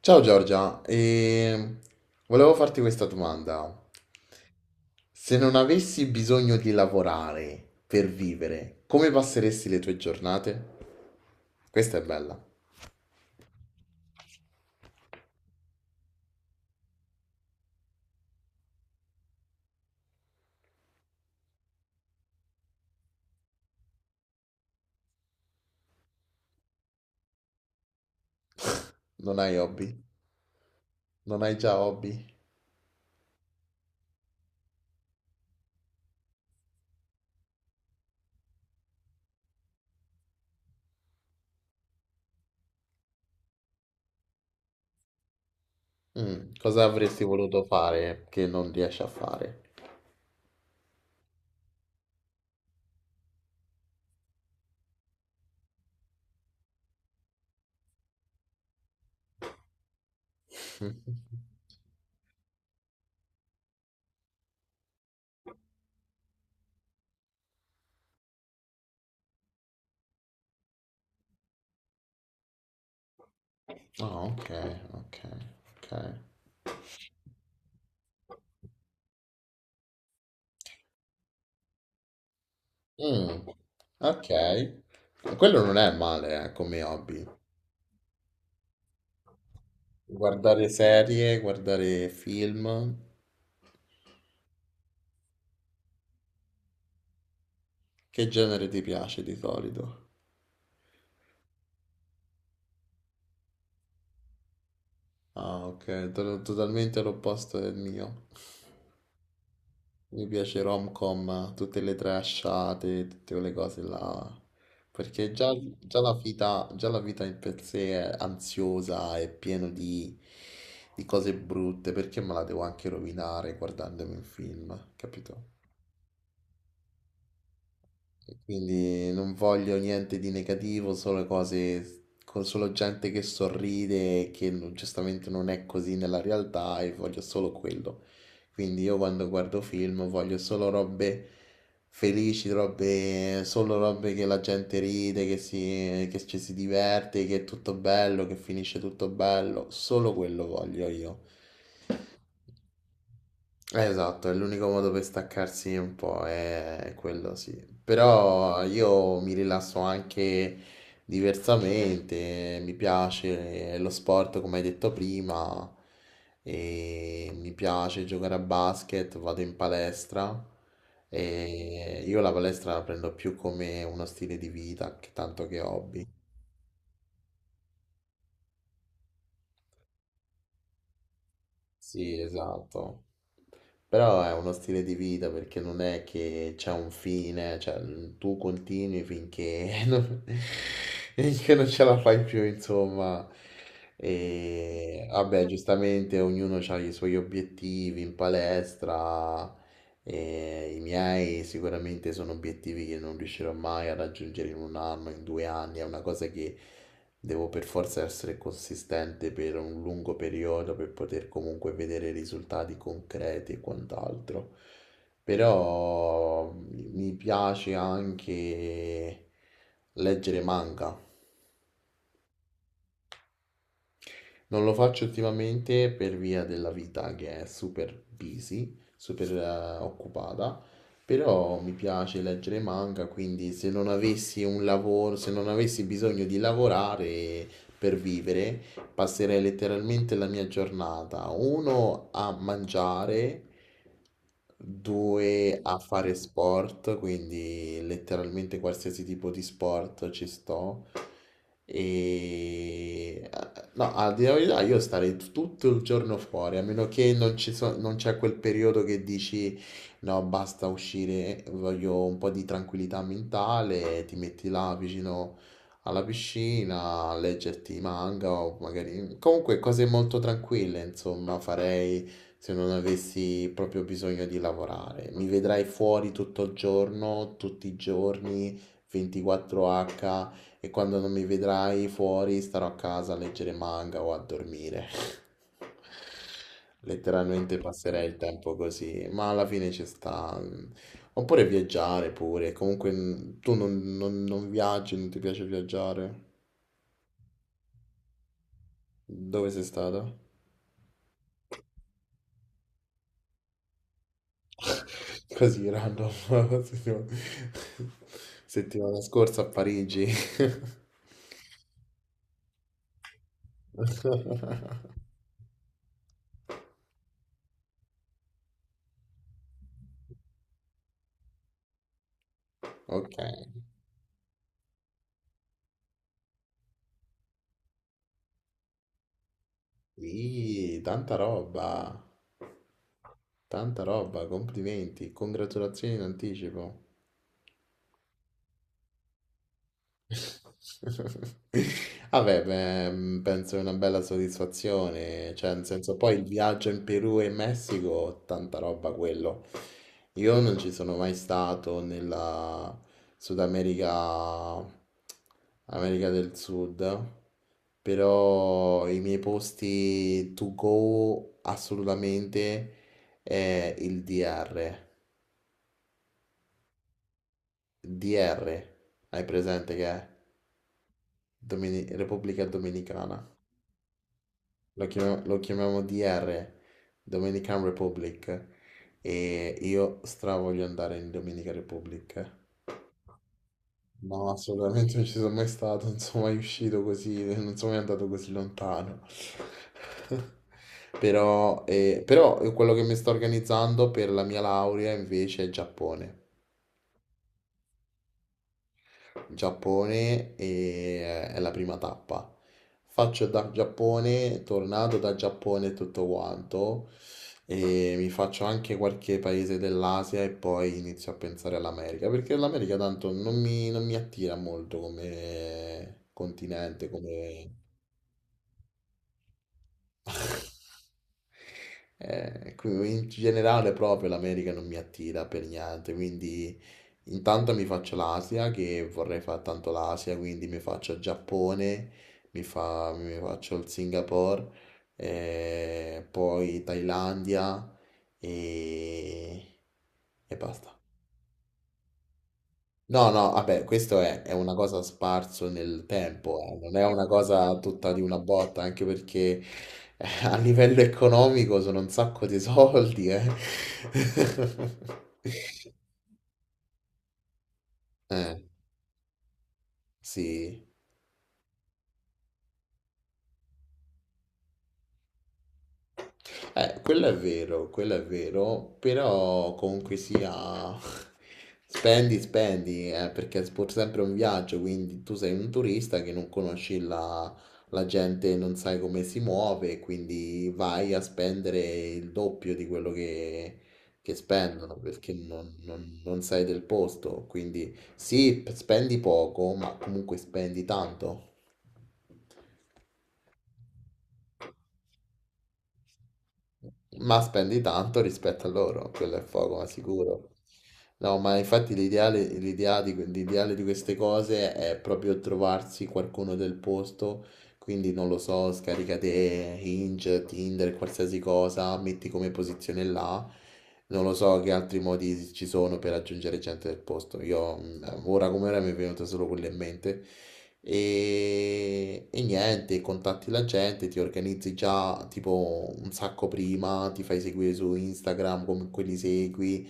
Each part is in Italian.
Ciao Giorgia, e volevo farti questa domanda. Se non avessi bisogno di lavorare per vivere, come passeresti le tue giornate? Questa è bella. Non hai hobby? Non hai già hobby? Cosa avresti voluto fare che non riesci a fare? Ah, ok, ok, ok. Mm, ok. Quello non è male, come hobby. Guardare serie, guardare film. Che genere ti piace di solito? Ah, ok, totalmente all'opposto del mio. Mi piace rom-com, tutte le trashate, tutte quelle cose là. Perché già la vita in per sé è ansiosa, è piena di cose brutte, perché me la devo anche rovinare guardandomi un film, capito? E quindi non voglio niente di negativo, solo cose con solo gente che sorride, e che giustamente non è così nella realtà e voglio solo quello. Quindi io quando guardo film voglio solo robe felici, solo robe che la gente ride, che ci si diverte, che è tutto bello, che finisce tutto bello. Solo quello voglio io. Esatto, è l'unico modo per staccarsi un po', è quello sì. Però io mi rilasso anche diversamente, mi piace lo sport come hai detto prima, e mi piace giocare a basket, vado in palestra e io la palestra la prendo più come uno stile di vita che tanto che hobby. Sì, esatto. Però è uno stile di vita perché non è che c'è un fine, cioè tu continui finché non, finché non ce la fai più, insomma. E vabbè, giustamente ognuno ha i suoi obiettivi in palestra. E i miei sicuramente sono obiettivi che non riuscirò mai a raggiungere in un anno, in 2 anni. È una cosa che devo per forza essere consistente per un lungo periodo per poter comunque vedere risultati concreti e quant'altro. Però mi piace anche leggere manga. Non lo faccio ultimamente per via della vita che è super busy, super occupata, però mi piace leggere manga, quindi se non avessi un lavoro, se non avessi bisogno di lavorare per vivere, passerei letteralmente la mia giornata, uno a mangiare, due a fare sport, quindi letteralmente qualsiasi tipo di sport ci sto. E no, a dire la verità, io starei tutto il giorno fuori, a meno che non non c'è quel periodo che dici no, basta uscire, voglio un po' di tranquillità mentale, ti metti là vicino alla piscina, a leggerti i manga o magari. Comunque cose molto tranquille, insomma, farei se non avessi proprio bisogno di lavorare. Mi vedrai fuori tutto il giorno, tutti i giorni, 24H. E quando non mi vedrai fuori, starò a casa a leggere manga o a dormire. Letteralmente passerei il tempo così, ma alla fine ci sta. Oppure viaggiare pure. Comunque, tu non viaggi, non ti piace viaggiare. Dove sei stata? Così random. Settima- Settimana scorsa a Parigi. Ok. Sì, tanta roba. Tanta roba, complimenti, congratulazioni in anticipo. Vabbè, beh, penso è una bella soddisfazione, cioè nel senso poi il viaggio in Perù e in Messico, tanta roba quello. Io non ci sono mai stato nella Sud America, America del Sud, però i miei posti to go assolutamente è il DR. DR, hai presente che è Repubblica Dominicana? Lo chiamiamo DR, Dominican Republic, e io stra voglio andare in Dominica Republic. No, assolutamente non ci sono mai stato, non sono mai uscito così, non sono mai andato così lontano. Però quello che mi sto organizzando per la mia laurea invece è Giappone. Giappone è la prima tappa. Faccio da Giappone, tornato da Giappone e tutto quanto, e mi faccio anche qualche paese dell'Asia e poi inizio a pensare all'America, perché l'America tanto non mi attira molto come continente, come. Qui in generale proprio l'America non mi attira per niente, quindi intanto mi faccio l'Asia, che vorrei fare tanto l'Asia, quindi mi faccio il Giappone, mi faccio il Singapore, poi Thailandia e, e basta. No, no, vabbè, questo è una cosa sparso nel tempo, non è una cosa tutta di una botta, anche perché a livello economico sono un sacco di soldi, eh. Eh, sì. Quello è vero, però comunque sia, spendi, spendi, perché è pur sempre un viaggio, quindi tu sei un turista che non conosci la gente, non sai come si muove, quindi vai a spendere il doppio di quello che spendono, perché non sai del posto, quindi sì, spendi poco, ma comunque spendi tanto. Ma spendi tanto rispetto a loro, quello è poco, ma sicuro. No, ma infatti l'idea di queste cose è proprio trovarsi qualcuno del posto, quindi non lo so, scaricate Hinge, Tinder, qualsiasi cosa, metti come posizione là. Non lo so che altri modi ci sono per aggiungere gente del posto. Io ora come ora mi è venuto solo quello in mente. E niente, contatti la gente, ti organizzi già tipo un sacco prima, ti fai seguire su Instagram come quelli segui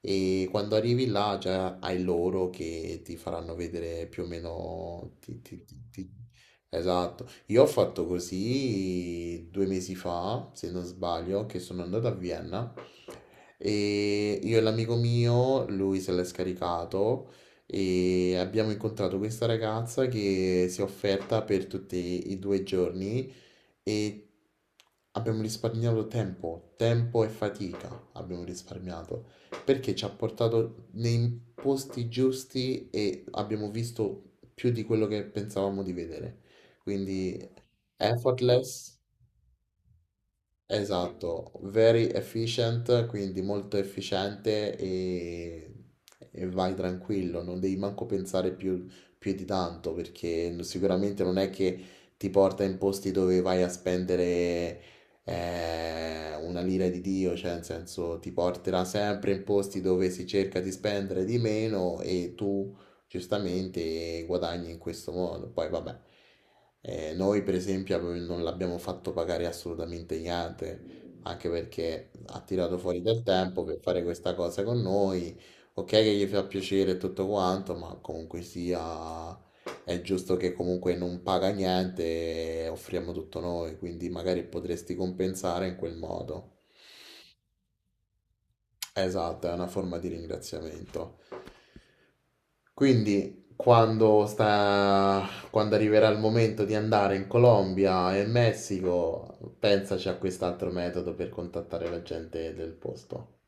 e quando arrivi là già hai loro che ti faranno vedere più o meno. Esatto, io ho fatto così 2 mesi fa, se non sbaglio, che sono andato a Vienna e io e l'amico mio, lui se l'è scaricato e abbiamo incontrato questa ragazza che si è offerta per tutti i 2 giorni e abbiamo risparmiato tempo, tempo e fatica abbiamo risparmiato perché ci ha portato nei posti giusti e abbiamo visto più di quello che pensavamo di vedere. Quindi effortless. Esatto, very efficient, quindi molto efficiente e vai tranquillo, non devi manco pensare più di tanto perché sicuramente non è che ti porta in posti dove vai a spendere una lira di Dio, cioè nel senso ti porterà sempre in posti dove si cerca di spendere di meno e tu giustamente guadagni in questo modo. Poi vabbè, noi per esempio non l'abbiamo fatto pagare assolutamente niente, anche perché ha tirato fuori del tempo per fare questa cosa con noi. Ok che gli fa piacere e tutto quanto, ma comunque sia è giusto che comunque non paga niente e offriamo tutto noi, quindi magari potresti compensare in quel modo. Esatto, è una forma di ringraziamento. Quindi quando arriverà il momento di andare in Colombia e in Messico, pensaci a quest'altro metodo per contattare la gente del posto.